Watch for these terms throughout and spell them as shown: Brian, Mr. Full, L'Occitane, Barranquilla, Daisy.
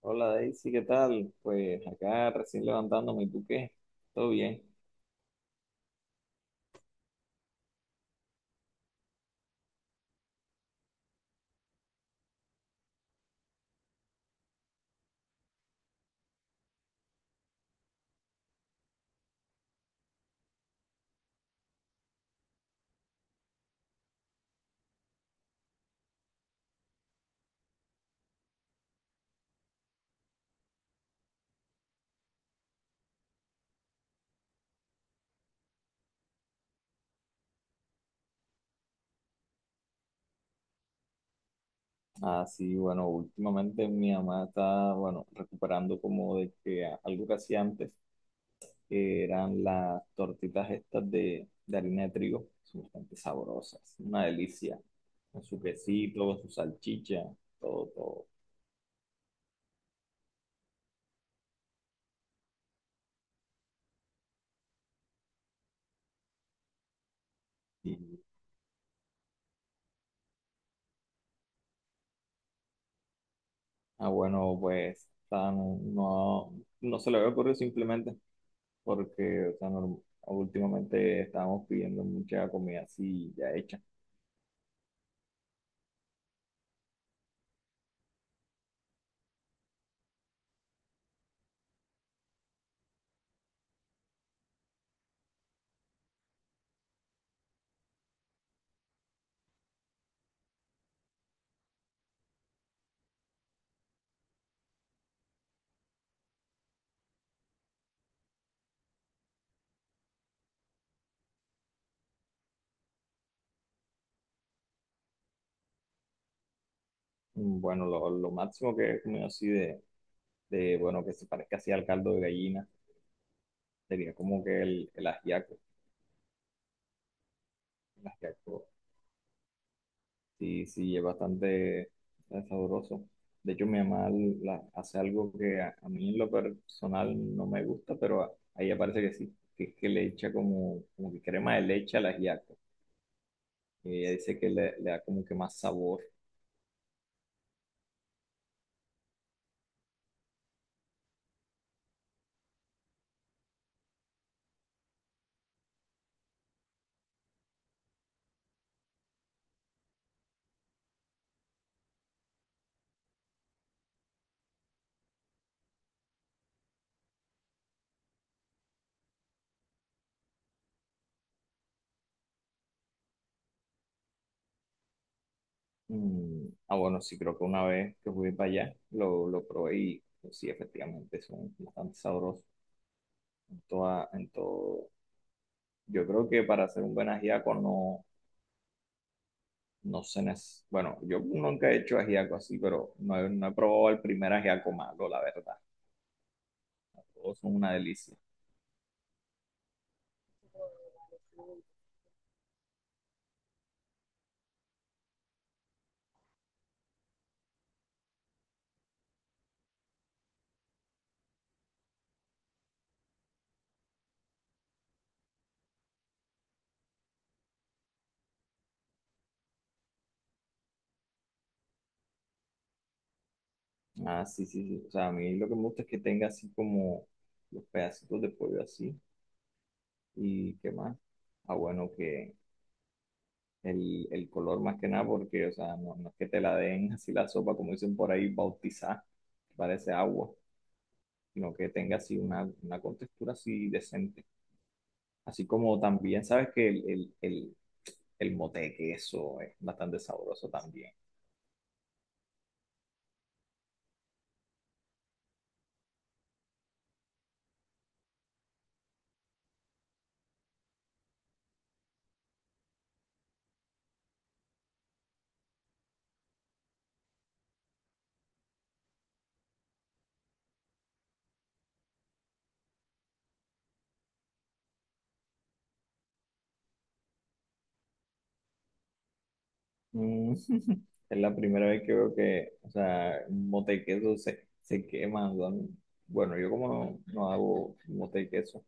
Hola Daisy, ¿qué tal? Pues acá recién levantándome, ¿y tú qué? ¿Todo bien? Ah, sí, bueno, últimamente mi mamá está, bueno, recuperando como de que algo que hacía antes, que eran las tortitas estas de harina de trigo, son bastante sabrosas, una delicia, con su quesito, con su salchicha, todo, todo. Y, ah, bueno, pues no, no se le había ocurrido simplemente. Porque o sea, últimamente estábamos pidiendo mucha comida así ya hecha. Mm, bueno, lo máximo que he comido así bueno, que se parezca así al caldo de gallina, sería como que el ajiaco. El ajiaco sí, sí, es bastante sabroso. De hecho, mi mamá hace algo que a mí en lo personal no me gusta, pero a ella parece que sí, que es que le echa como, como que crema de leche al ajiaco. Y ella dice que le da como que más sabor. Mm, ah, bueno, sí, creo que una vez que fui para allá lo probé y pues, sí, efectivamente son bastante sabrosos en todo. Yo creo que para hacer un buen ajiaco no, no se necesita. Bueno, yo nunca he hecho ajiaco así, pero no he probado el primer ajiaco malo, la verdad. Todos son una delicia. Ah, sí, sí, sí. O sea, a mí lo que me gusta es que tenga así como los pedacitos de pollo así. ¿Y qué más? Ah, bueno, que el color más que nada, porque, o sea, no, no es que te la den así la sopa, como dicen por ahí, bautizada, que parece agua, sino que tenga así una contextura así decente. Así como también, sabes que el mote de queso es bastante sabroso también. Mm. Es la primera vez que veo que, o sea, un mote de queso se quema. O sea, bueno, yo como no, no hago mote de queso,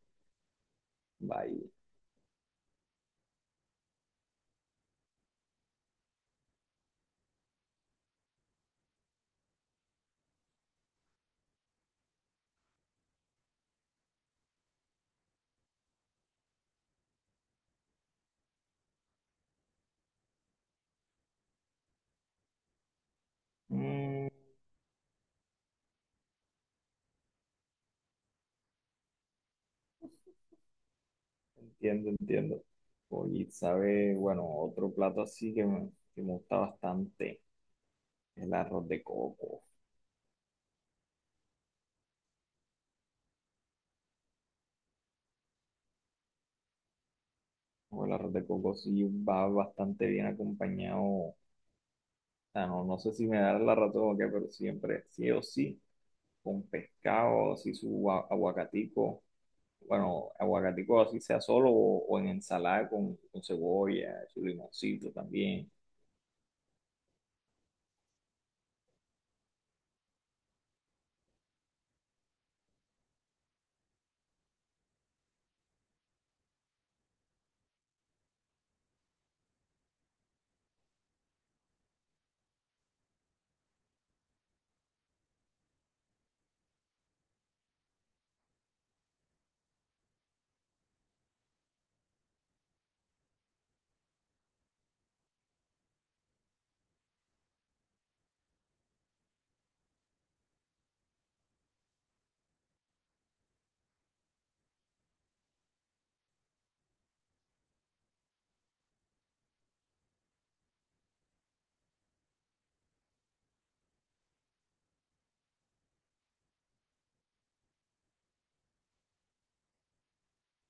bye. Entiendo, entiendo. Oye, sabe, bueno, otro plato así que me gusta bastante, el arroz de coco. O el arroz de coco sí va bastante bien acompañado. O sea, no, no sé si me da la razón o qué, pero siempre, sí o sí, con pescado, así su aguacatico. Bueno, aguacatico así sea solo o en ensalada con cebolla, su limoncito también.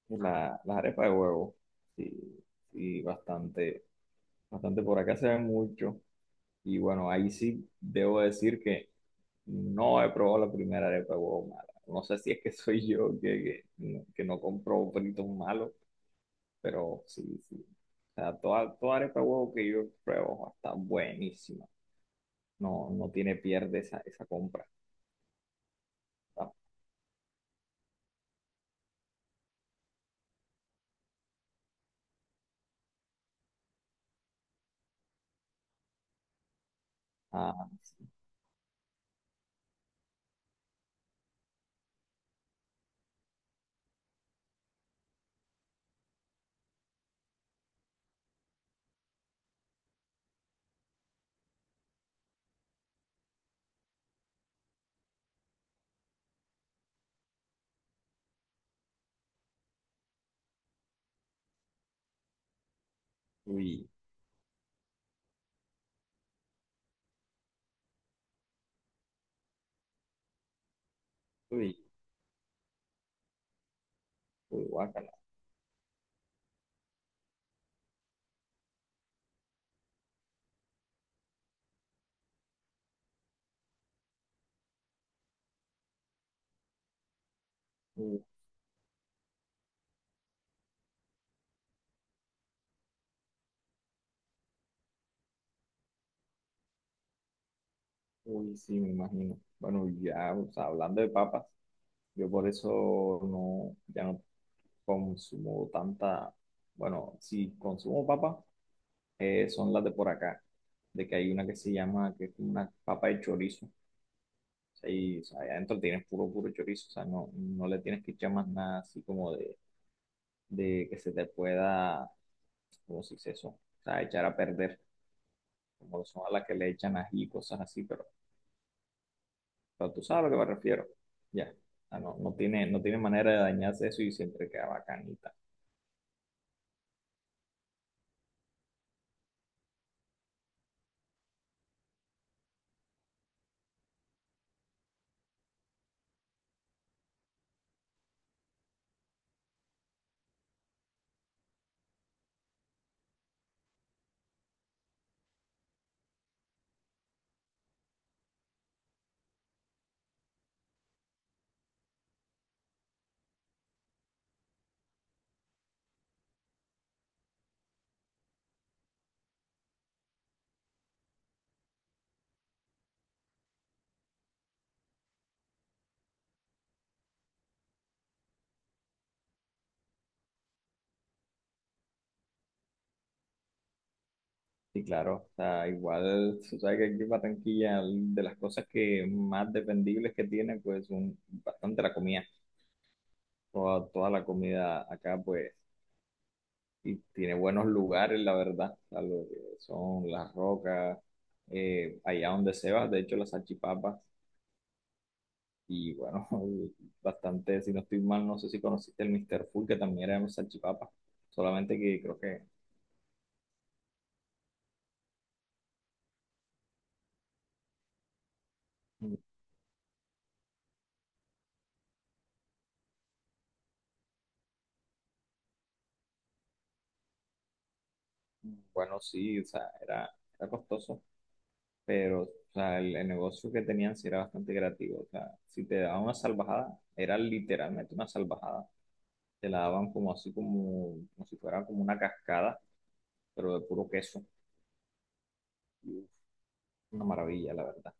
Las arepas de huevo, sí, sí, bastante, bastante por acá se ven mucho. Y bueno, ahí sí debo decir que no he probado la primera arepa de huevo mala. No sé si es que soy yo no que no compro fritos malos, pero sí, sí. O sea, toda, toda arepa de huevo que yo pruebo está buenísima. No, no tiene pierde esa compra. Ah, sí. Uy, uy, uy, guácala. Uy, sí, me imagino. Bueno, ya, o sea, hablando de papas, yo por eso no, ya no consumo tanta, bueno, si consumo papas, son las de por acá, de que hay una que se llama, que es como una papa de chorizo, o sea, y, o sea, ahí adentro tienes puro, puro chorizo, o sea, no, no le tienes que echar más nada así como de que se te pueda, como si se eso, o sea, echar a perder, como son a las que le echan ají y cosas así, pero sea, tú sabes a lo que me refiero. Ya. Ah, no, no tiene, no tiene manera de dañarse eso y siempre queda bacanita. Y claro, o sea, igual, tú sabes que aquí en Barranquilla, de las cosas que más dependibles que tiene, bastante la comida. Toda, toda la comida acá, pues, y tiene buenos lugares, la verdad. O sea, lo que son las rocas, allá donde se va, de hecho, las salchipapas. Y bueno, bastante, si no estoy mal, no sé si conociste el Mr. Full, que también era un salchipapa. Solamente que mm, bueno, sí, o sea, era costoso, pero o sea, el negocio que tenían sí era bastante creativo. O sea, si te daban una salvajada, era literalmente una salvajada. Te la daban como así, como, como si fuera como una cascada, pero de puro queso. Y, uf, una maravilla, la verdad.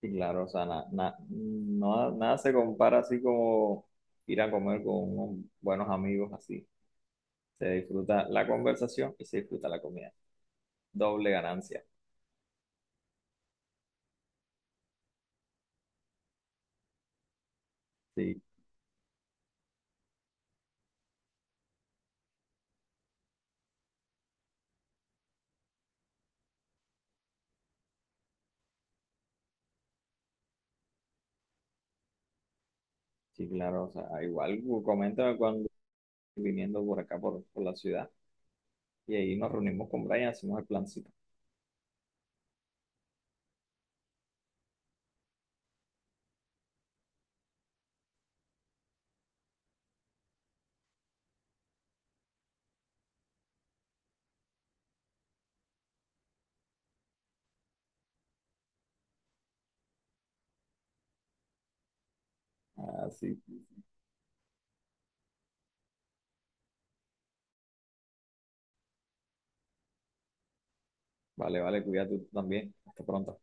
Sí, claro, o sea, nada se compara así como ir a comer con unos buenos amigos así. Se disfruta la conversación y se disfruta la comida. Doble ganancia. Sí, sí, claro, o sea, igual coméntame cuando viniendo por acá, por la ciudad, y ahí nos reunimos con Brian, hacemos el plancito. Así, vale, vale, cuídate tú también. Hasta pronto.